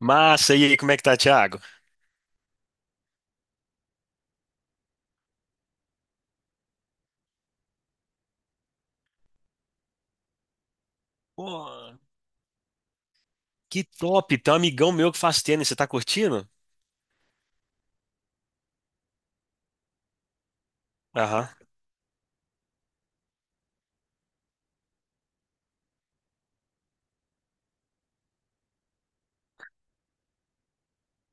Massa, e aí, como é que tá, Thiago? Pô, que top! Tem um amigão meu que faz tênis, você tá curtindo? Aham.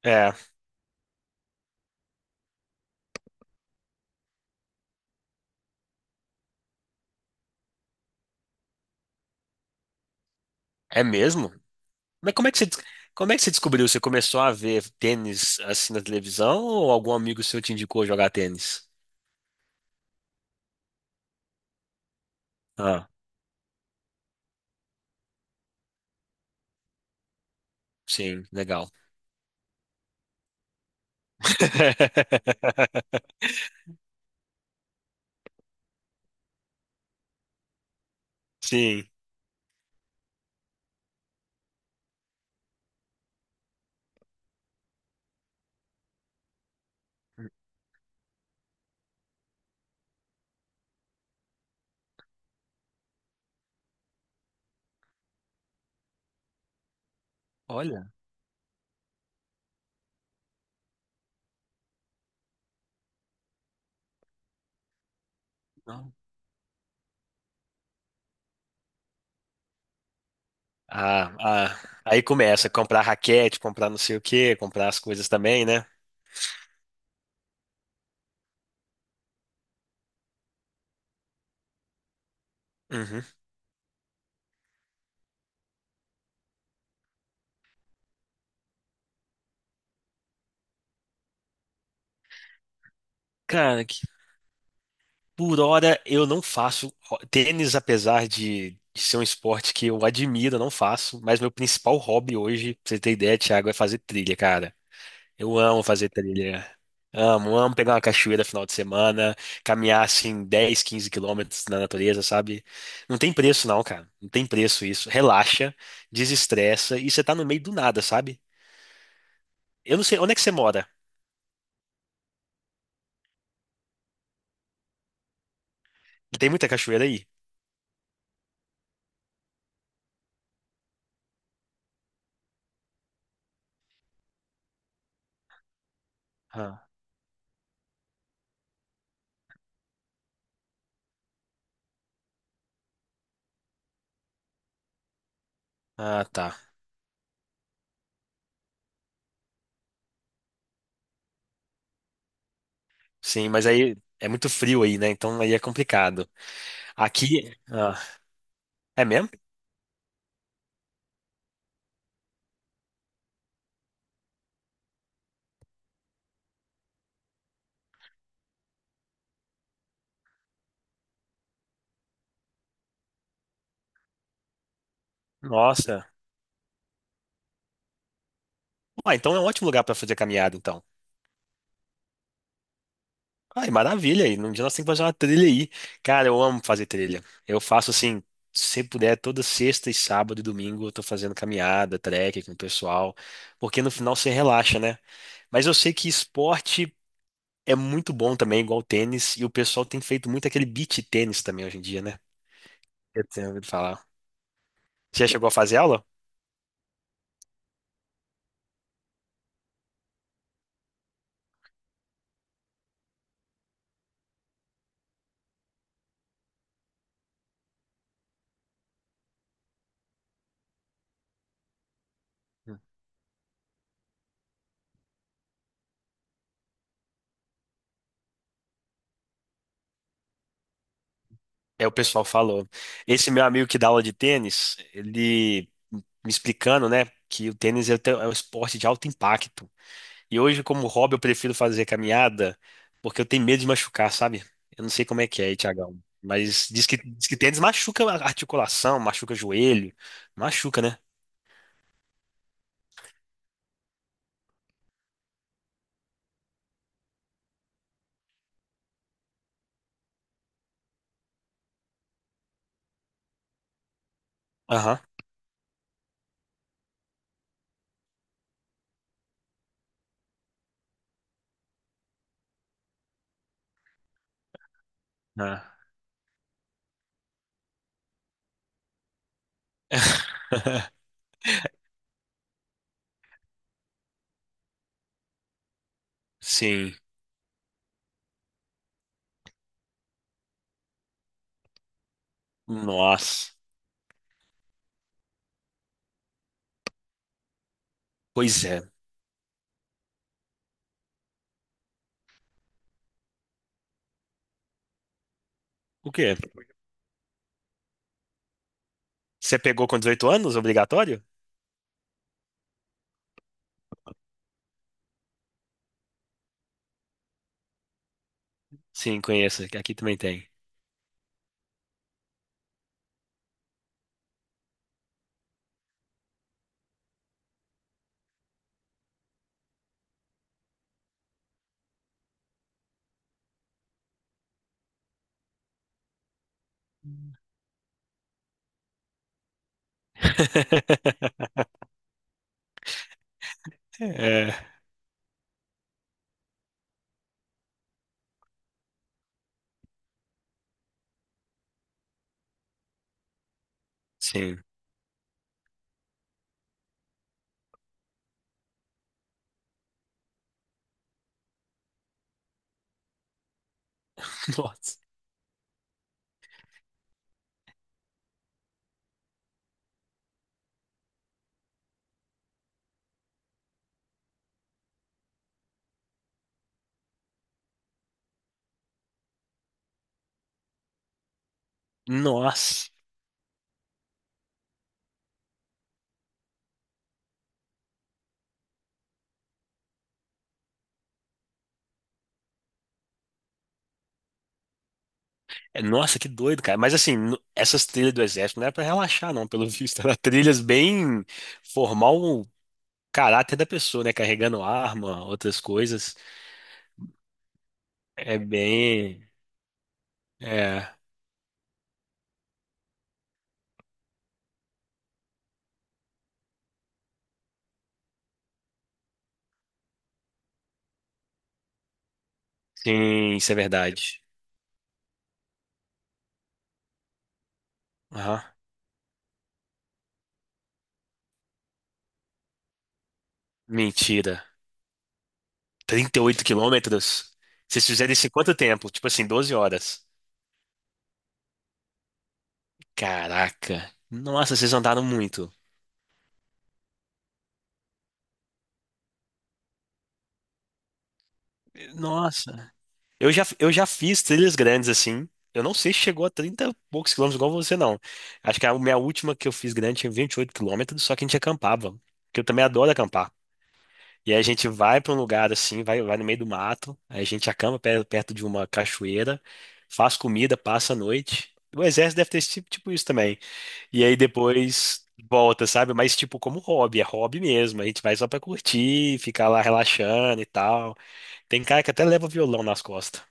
É, é mesmo? Mas como é que você descobriu? Você começou a ver tênis assim na televisão ou algum amigo seu te indicou jogar tênis? Ah, sim, legal. Sim. Olha. Não. Ah, ah, aí começa a comprar raquete, comprar não sei o quê, comprar as coisas também, né? Uhum. Cara, por hora, eu não faço tênis, apesar de ser um esporte que eu admiro, eu não faço. Mas meu principal hobby hoje, pra você ter ideia, Thiago, é fazer trilha, cara. Eu amo fazer trilha. Amo, amo pegar uma cachoeira final de semana, caminhar assim 10, 15 quilômetros na natureza, sabe? Não tem preço, não, cara. Não tem preço isso. Relaxa, desestressa e você tá no meio do nada, sabe? Eu não sei, onde é que você mora? Tem muita cachoeira aí? Ah, ah, tá. Sim, mas aí é muito frio aí, né? Então aí é complicado. Aqui, ah, é mesmo? Nossa. Ah, então é um ótimo lugar pra fazer caminhada, então. Ai, maravilha. E num dia nós temos que fazer uma trilha aí. Cara, eu amo fazer trilha. Eu faço assim, se puder, toda sexta e sábado e domingo eu tô fazendo caminhada, trek com o pessoal, porque no final você relaxa, né? Mas eu sei que esporte é muito bom também, igual tênis, e o pessoal tem feito muito aquele beach tênis também hoje em dia, né? Eu tenho ouvido falar. Você já chegou a fazer aula? É, o pessoal falou. Esse meu amigo que dá aula de tênis, ele me explicando, né, que o tênis é um esporte de alto impacto. E hoje, como hobby, eu prefiro fazer caminhada porque eu tenho medo de machucar, sabe? Eu não sei como é que é aí, Thiagão. Mas diz que tênis machuca a articulação, machuca joelho. Machuca, né? Aham. Ah. Sim. Nossa. Pois é. O quê? Você pegou com 18 anos, obrigatório? Sim, conheço. Aqui também tem. É. Sim. Nossa. Nossa. É, nossa, que doido, cara. Mas assim, essas trilhas do exército não era pra relaxar, não, pelo visto. Era trilhas bem, formar o caráter da pessoa, né? Carregando arma, outras coisas. É bem. É. Sim, isso é verdade. Aham. Mentira. 38 quilômetros? Vocês fizeram isso em quanto tempo? Tipo assim, 12 horas. Caraca. Nossa, vocês andaram muito. Nossa. Eu já fiz trilhas grandes assim. Eu não sei se chegou a 30 e poucos quilômetros igual você, não. Acho que a minha última que eu fiz grande tinha 28 quilômetros, só que a gente acampava. Porque eu também adoro acampar. E aí a gente vai para um lugar assim, vai no meio do mato, aí a gente acampa perto de uma cachoeira, faz comida, passa a noite. O exército deve ter esse tipo, isso também. E aí depois volta, sabe? Mas tipo como hobby, é hobby mesmo. A gente vai só pra curtir, ficar lá relaxando e tal. Tem cara que até leva violão nas costas.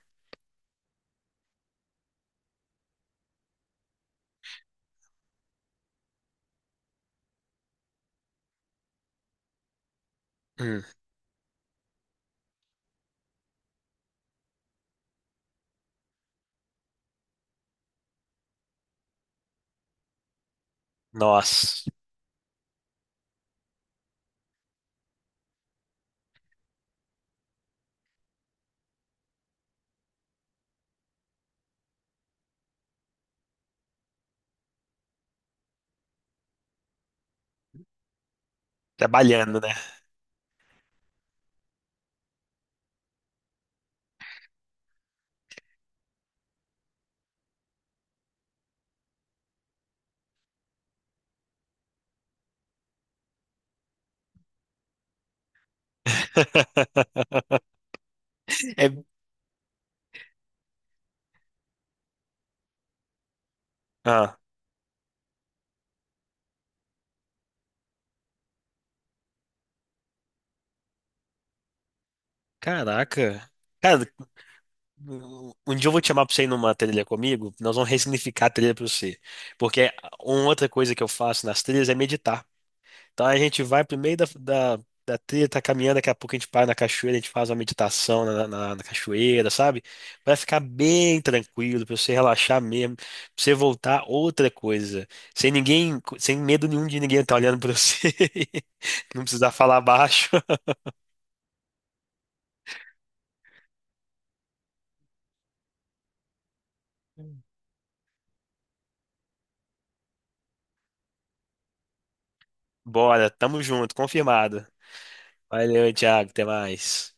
Nossa, trabalhando, né? É. Ah, caraca. Cara, um dia eu vou te chamar pra você ir numa trilha comigo, nós vamos ressignificar a trilha pra você. Porque uma outra coisa que eu faço nas trilhas é meditar. Então a gente vai pro meio da trilha, tá caminhando, daqui a pouco a gente para na cachoeira, a gente faz uma meditação na cachoeira, sabe? Vai ficar bem tranquilo, pra você relaxar mesmo, pra você voltar outra coisa. Sem ninguém, sem medo nenhum de ninguém estar olhando pra você. Não precisar falar baixo. Bora, tamo junto, confirmado. Valeu, Thiago, até mais.